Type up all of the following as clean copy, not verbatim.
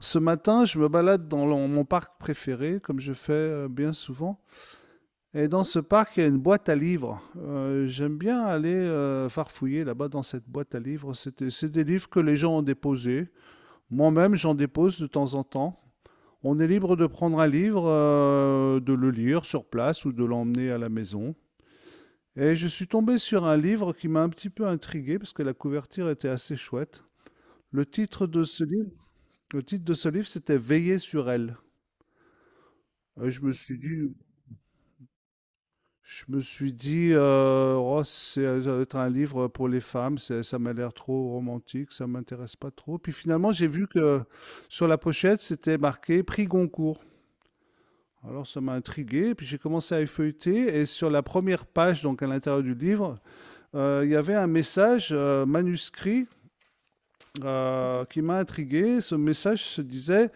Ce matin, je me balade dans mon parc préféré, comme je fais bien souvent. Et dans ce parc, il y a une boîte à livres. J'aime bien aller farfouiller là-bas dans cette boîte à livres. C'est des livres que les gens ont déposés. Moi-même, j'en dépose de temps en temps. On est libre de prendre un livre, de le lire sur place ou de l'emmener à la maison. Et je suis tombé sur un livre qui m'a un petit peu intrigué parce que la couverture était assez chouette. Le titre de ce livre, le titre de ce livre, c'était Veiller sur elle. Et je me suis dit, je me suis dit, oh, c'est ça doit être un livre pour les femmes, ça m'a l'air trop romantique, ça m'intéresse pas trop. Puis finalement, j'ai vu que sur la pochette, c'était marqué Prix Goncourt. Alors ça m'a intrigué, puis j'ai commencé à effeuilleter, et sur la première page, donc à l'intérieur du livre, il y avait un message manuscrit qui m'a intrigué. Ce message se disait,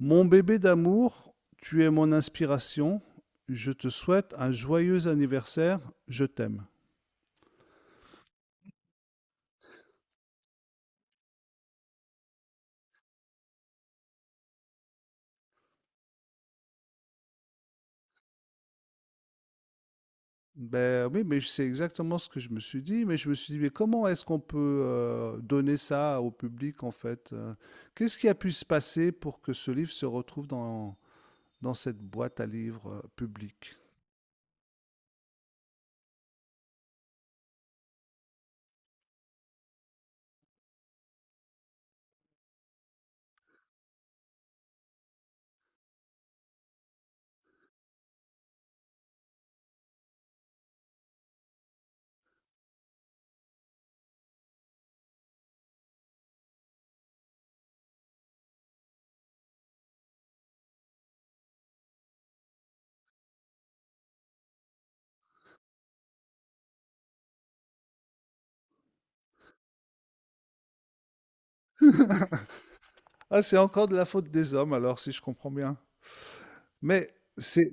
mon bébé d'amour, tu es mon inspiration, je te souhaite un joyeux anniversaire, je t'aime. Ben oui, mais c'est exactement ce que je me suis dit. Mais je me suis dit, mais comment est-ce qu'on peut donner ça au public en fait? Qu'est-ce qui a pu se passer pour que ce livre se retrouve dans cette boîte à livres publique? Ah, c'est encore de la faute des hommes alors, si je comprends bien. Mais c'est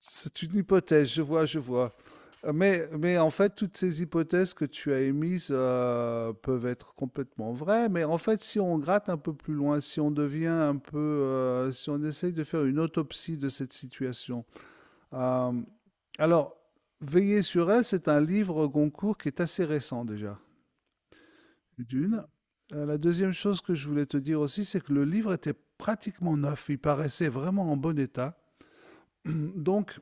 C'est une hypothèse, je vois, je vois. Mais en fait, toutes ces hypothèses que tu as émises peuvent être complètement vraies. Mais en fait, si on gratte un peu plus loin, si on devient un peu, si on essaye de faire une autopsie de cette situation. Euh, alors, Veiller sur elle, c'est un livre Goncourt qui est assez récent déjà. D'une. La deuxième chose que je voulais te dire aussi, c'est que le livre était pratiquement neuf. Il paraissait vraiment en bon état. Donc,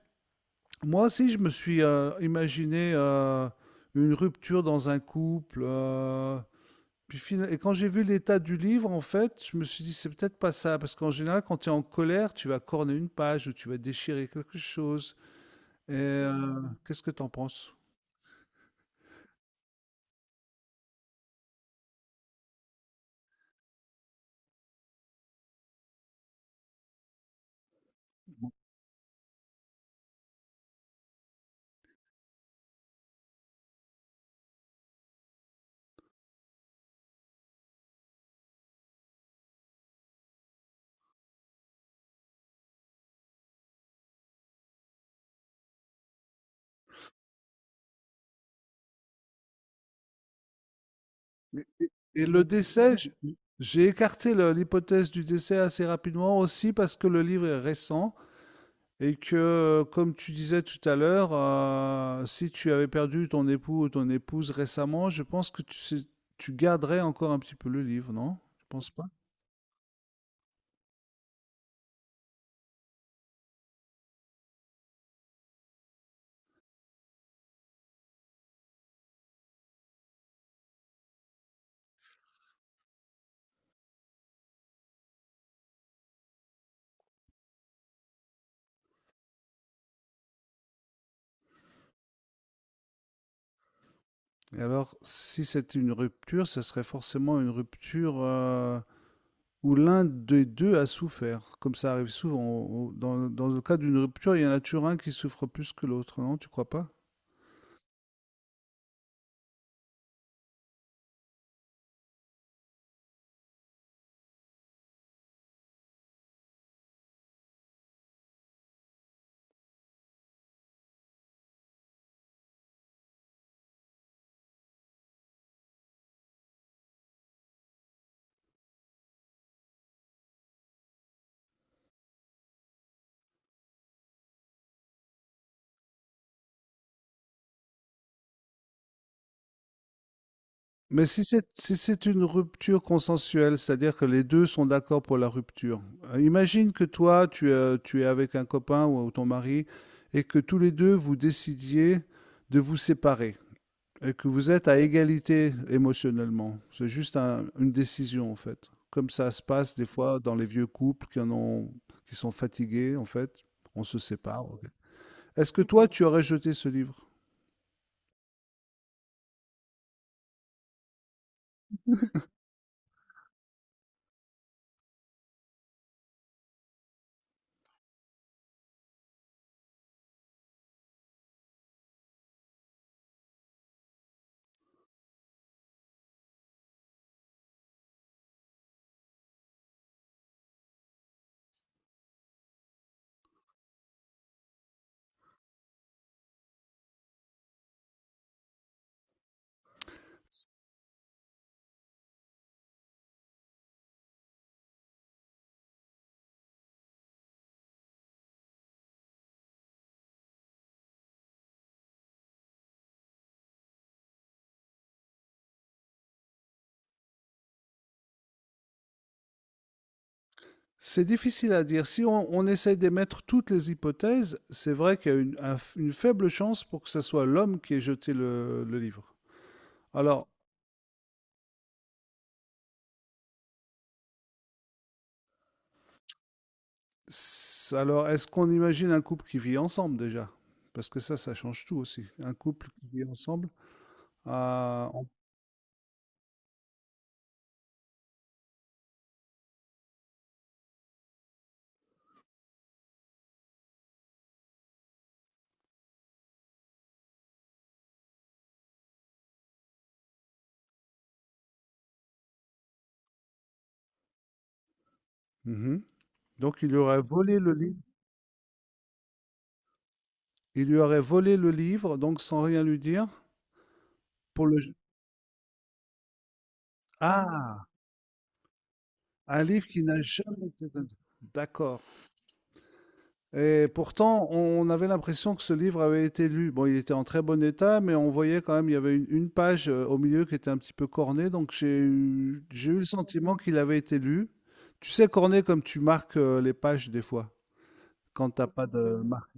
moi aussi, je me suis imaginé une rupture dans un couple. Et quand j'ai vu l'état du livre, en fait, je me suis dit, c'est peut-être pas ça. Parce qu'en général, quand tu es en colère, tu vas corner une page ou tu vas déchirer quelque chose. Et euh, Qu'est-ce que tu en penses? Et, et- et le décès, j'ai écarté l'hypothèse du décès assez rapidement aussi parce que le livre est récent. Et que, comme tu disais tout à l'heure, si tu avais perdu ton époux ou ton épouse récemment, je pense que tu garderais encore un petit peu le livre, non? Je pense pas. Et alors, si c'était une rupture, ça serait forcément une rupture où l'un des deux a souffert, comme ça arrive souvent. Dans, dans le cas d'une rupture, il y en a toujours un qui souffre plus que l'autre, non? Tu crois pas? Mais si c'est une rupture consensuelle, c'est-à-dire que les 2 sont d'accord pour la rupture. Imagine que toi, tu es avec un copain ou ton mari et que tous les 2 vous décidiez de vous séparer et que vous êtes à égalité émotionnellement. C'est juste un une décision, en fait. Comme ça se passe des fois dans les vieux couples qui sont fatigués, en fait. On se sépare, OK. Est-ce que toi, tu aurais jeté ce livre? C'est difficile à dire. Si on essaie d'émettre toutes les hypothèses, c'est vrai qu'il y a une faible chance pour que ce soit l'homme qui ait jeté le livre. Alors, est-ce qu'on imagine un couple qui vit ensemble déjà? Parce que ça change tout aussi. Un couple qui vit ensemble. ah, on- Mhm. Donc, il lui aurait volé le livre. Il lui aurait volé le livre, donc sans rien lui dire, pour le... je- ah, un livre qui n'a jamais été donné. D'accord. Et pourtant, on avait l'impression que ce livre avait été lu. Bon, il était en très bon état, mais on voyait quand même, il y avait une page au milieu qui était un petit peu cornée, donc j'ai eu le sentiment qu'il avait été lu. Tu sais, cornée comme tu marques les pages des fois, quand t'as pas de marque.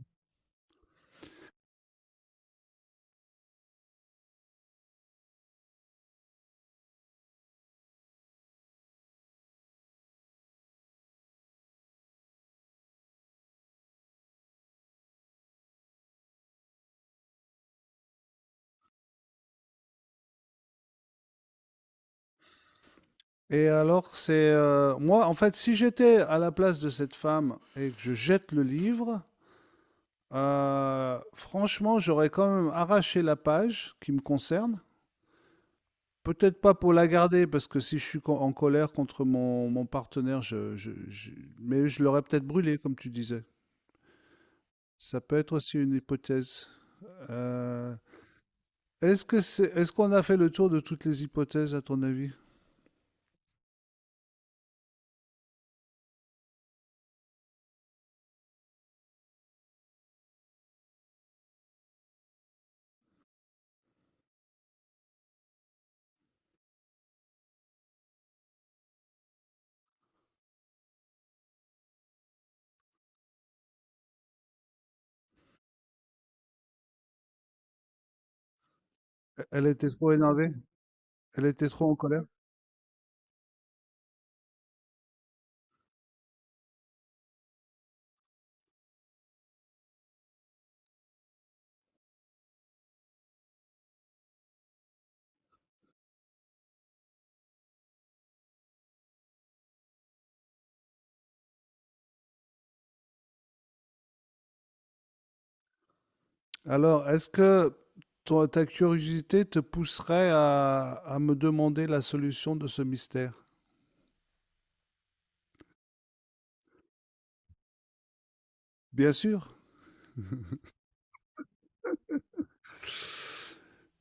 Et alors, en fait, si j'étais à la place de cette femme et que je jette le livre, franchement, j'aurais quand même arraché la page qui me concerne. Peut-être pas pour la garder, parce que si je suis en colère contre mon partenaire, mais je l'aurais peut-être brûlé, comme tu disais. Ça peut être aussi une hypothèse. Euh, est-ce qu'on a fait le tour de toutes les hypothèses, à ton avis? Elle était trop énervée? Elle était trop en colère? Alors, est-ce que ta curiosité te pousserait à me demander la solution de ce mystère? Bien sûr.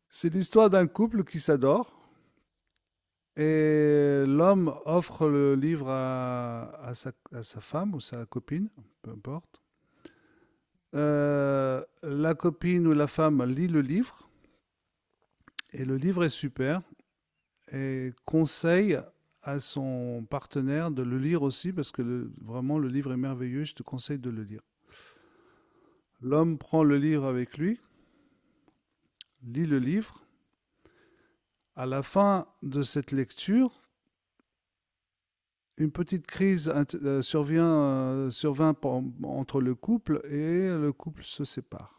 C'est l'histoire d'un couple qui s'adore. Et l'homme offre le livre à sa femme ou sa copine, peu importe. La copine ou la femme lit le livre, et le livre est super, et conseille à son partenaire de le lire aussi, parce que vraiment le livre est merveilleux, je te conseille de le lire. L'homme prend le livre avec lui, lit le livre. À la fin de cette lecture, une petite crise survint entre le couple et le couple se sépare.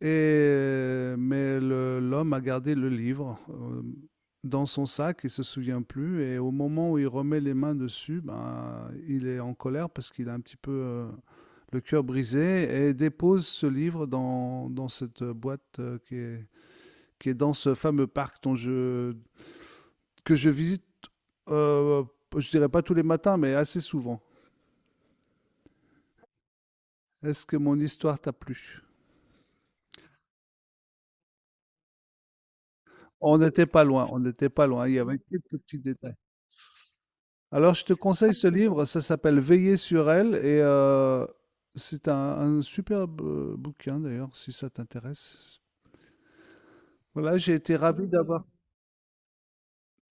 Et, mais l'homme a gardé le livre dans son sac, il ne se souvient plus. Et au moment où il remet les mains dessus, ben, il est en colère parce qu'il a un petit peu le cœur brisé et dépose ce livre dans cette boîte qui est dans ce fameux parc dont je, que je visite, euh, je ne dirais pas tous les matins, mais assez souvent. Est-ce que mon histoire t'a plu? On n'était pas loin, on n'était pas loin, il y avait quelques petits détails. Alors je te conseille ce livre, ça s'appelle Veiller sur elle et c'est un superbe bouquin d'ailleurs, si ça t'intéresse. Voilà, j'ai été ravi d'avoir...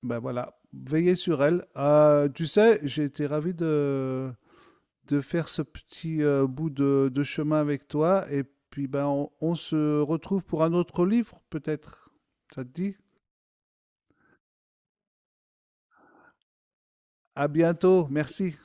Ben voilà, Veiller sur elle. Tu sais, j'ai été ravi de faire ce petit bout de chemin avec toi et puis ben on se retrouve pour un autre livre peut-être. Ça te dit? À bientôt, merci.